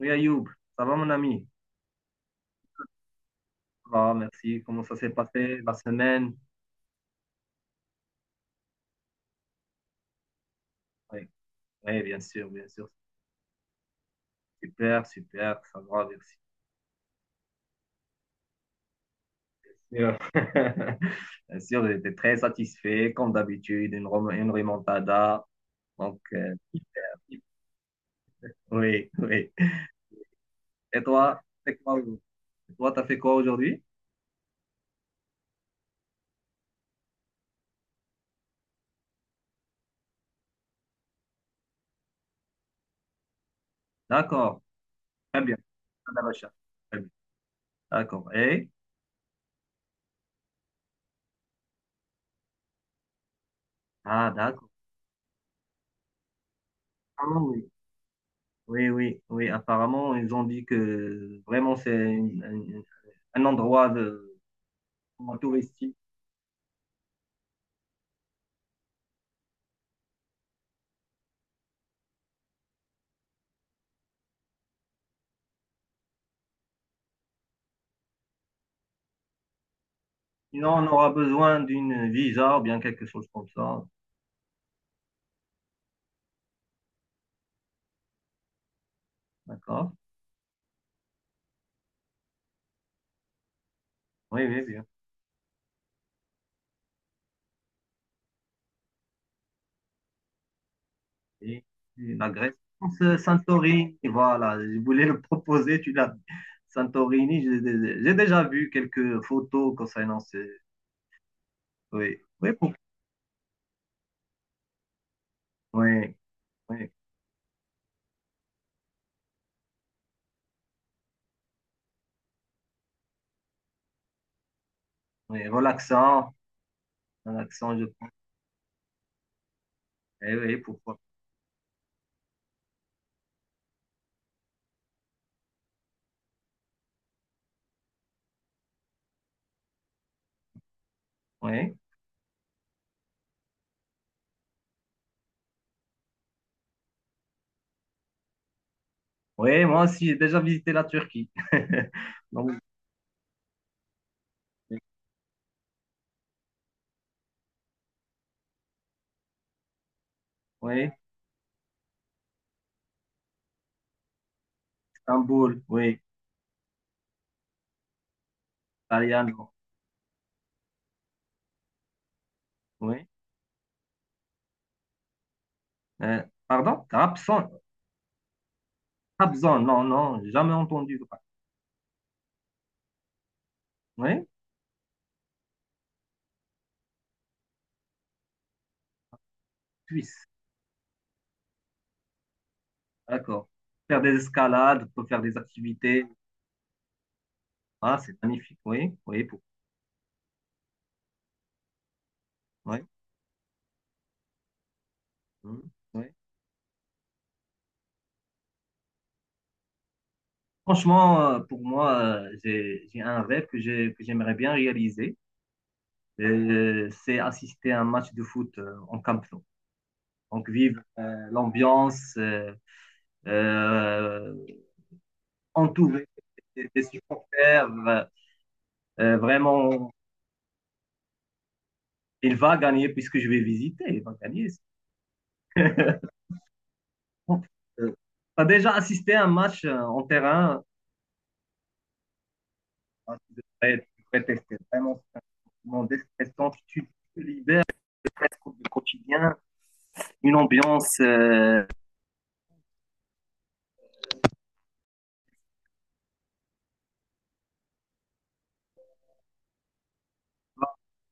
Oui, Ayoub, ça va mon ami? Ah, merci. Comment ça s'est passé la semaine? Oui, oui, bien sûr, bien sûr. Super, super, ça va, merci. Bien sûr, bien sûr, j'étais très satisfait, comme d'habitude, une, une remontada. Donc, euh, oui, oui. Et toi, c'est quoi aujourd'hui Et toi, t'as fait quoi aujourd'hui? D'accord, très bien. À la recherche. Très bien. D'accord. Et? Ah, d'accord. Ah, oui. Oui, oui, oui. Apparemment, ils ont dit que un endroit de, comment, touristique. Sinon, on aura besoin d'une visa ou bien quelque chose comme ça. D'accord? Oui, oui, bien. Et, et la Grèce. Je pense, Santorini, voilà. Je voulais le proposer, tu l'as. Santorini, j'ai déjà vu quelques photos concernant ce. Oui, oui, pour- oui, oui, oui. Relaxant, relaxant, je pense. Eh oui, pourquoi? Oui. Oui, moi aussi, j'ai déjà visité la Turquie. Donc, oui, Istanbul, oui, Taliano, oui. Pardon? Trabzon, non, non, jamais entendu. Oui, Suisse, d'accord. Faire des escalades, peut faire des activités. Ah, c'est magnifique, oui, oui, oui, mm, oui. Franchement, pour moi, j'ai un rêve que j'aimerais bien réaliser. C'est assister à un match de foot en Camp Nou. Donc, vivre l'ambiance. Euh, entouré des supporters. Vraiment, il va gagner puisque je vais visiter. Il va gagner. Bon, euh, t'as déjà assisté à un match en terrain. Hein, tu devrais tester. Vraiment, c'est un sentiment déstressant. Tu te libères presque du quotidien. Une ambiance.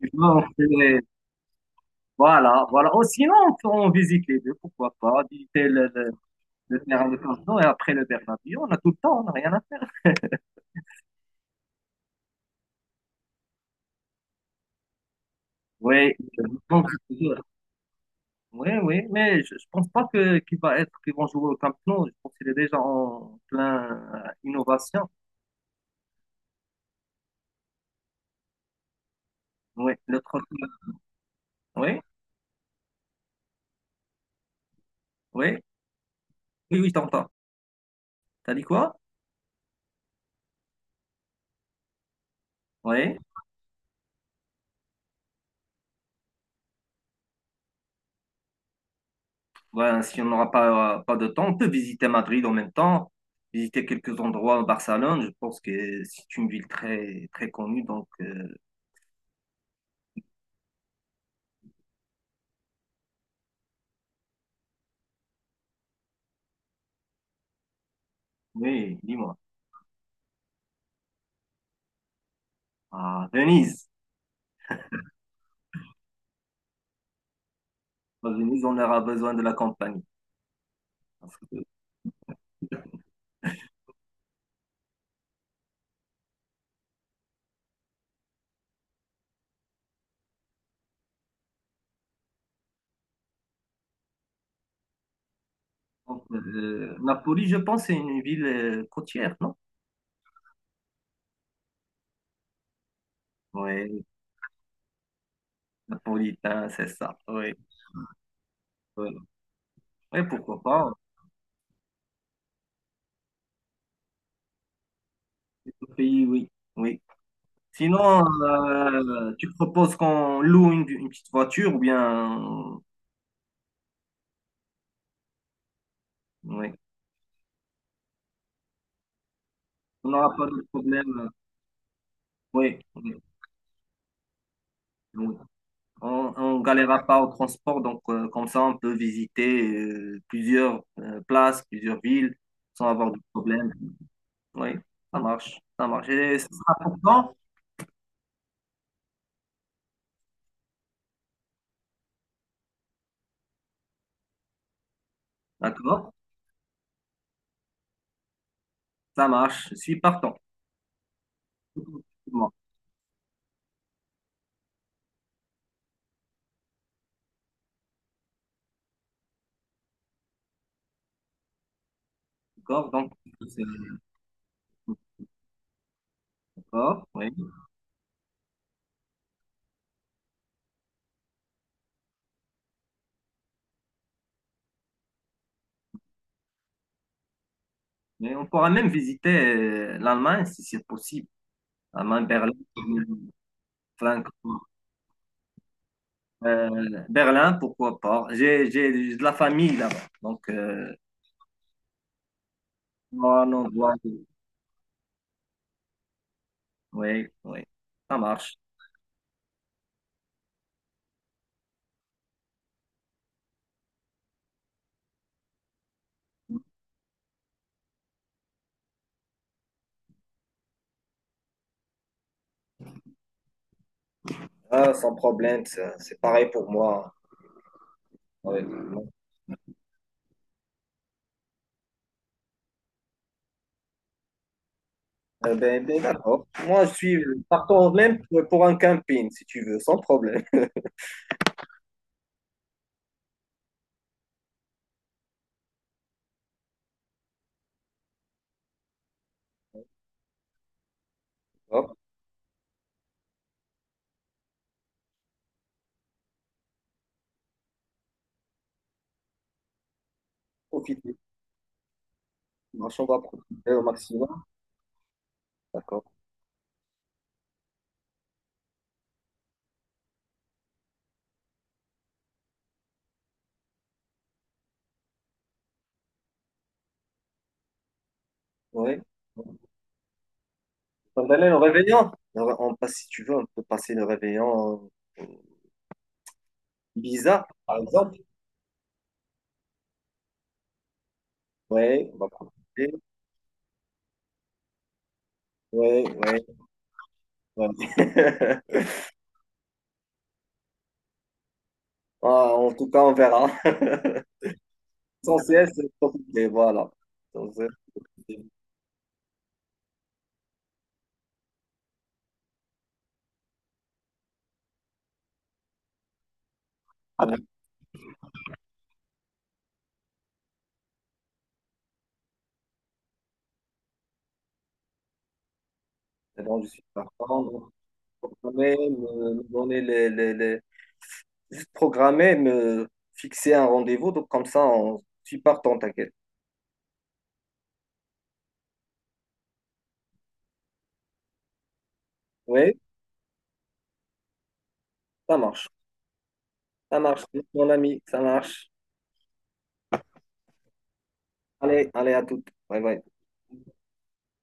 tu vois, on fait- voilà, voilà. Oh, sinon, on visite les deux, pourquoi pas. Visiter le terrain de Cardo et après le Bernabéu. On a tout le temps, on n'a rien à... Oui, pense que- oui, oui, mais je pense pas que qu'il va être qu'ils vont jouer au Camp Nou. Je pense qu'il est déjà en plein innovation. Oui, le troc- Oui, oui, oui, oui, je t'entends. T'as dit quoi? Oui. Ben, si on n'aura pas de temps, on peut visiter Madrid en même temps, visiter quelques endroits à Barcelone. Je pense que c'est une ville très très connue. Oui, dis-moi. À Venise. À Venise, on aura besoin de la compagnie. Donc, Napoli, je pense, c'est une ville côtière, non? Oui, napolitain, c'est ça. Oui, oui. Oui, pourquoi pas? Le pays, oui. Oui. Sinon, tu proposes qu'on loue une petite voiture ou bien. euh, Oui. On n'aura pas de problème. Oui. Oui, oui. On, on galérera pas au transport, donc comme ça, on peut visiter plusieurs places, plusieurs villes sans avoir de problème. Oui, ça marche. Ça marche. Et ce sera pour quand? D'accord. Ça marche, je suis partant. Bon, d'accord, donc c'est d'accord, oui. Mais on pourra même visiter l'Allemagne si c'est possible. L'Allemagne, Berlin, Francfort, Berlin, pourquoi pas. J'ai de la famille là-bas, donc moi, non, doit. Oui, oui, ça marche. Ah, sans problème, c'est pareil pour moi. Oui. Euh, ben, d'accord. Moi, je suis partant même pour un camping, si tu veux, sans problème. Hop, profitez. Marche, on va profiter au maximum. D'accord. Oui. Ça me ramène au réveillon. Alors, on passe, si tu veux, on peut passer le réveillon euh, Ibiza, par exemple. Oui, on va profiter. Oui, oui, oui. Ah, en tout cas, on verra. L'essentiel, c'est de profiter, voilà. L'essentiel, c'est de profiter. Bon, je suis partant. Donc, Programmer, me donner les- juste programmer, me fixer un rendez-vous. Donc, comme ça, on... je suis partant, t'inquiète. Oui, ça marche. Ça marche, mon ami, ça marche. Allez, allez, à toutes. Bye bye.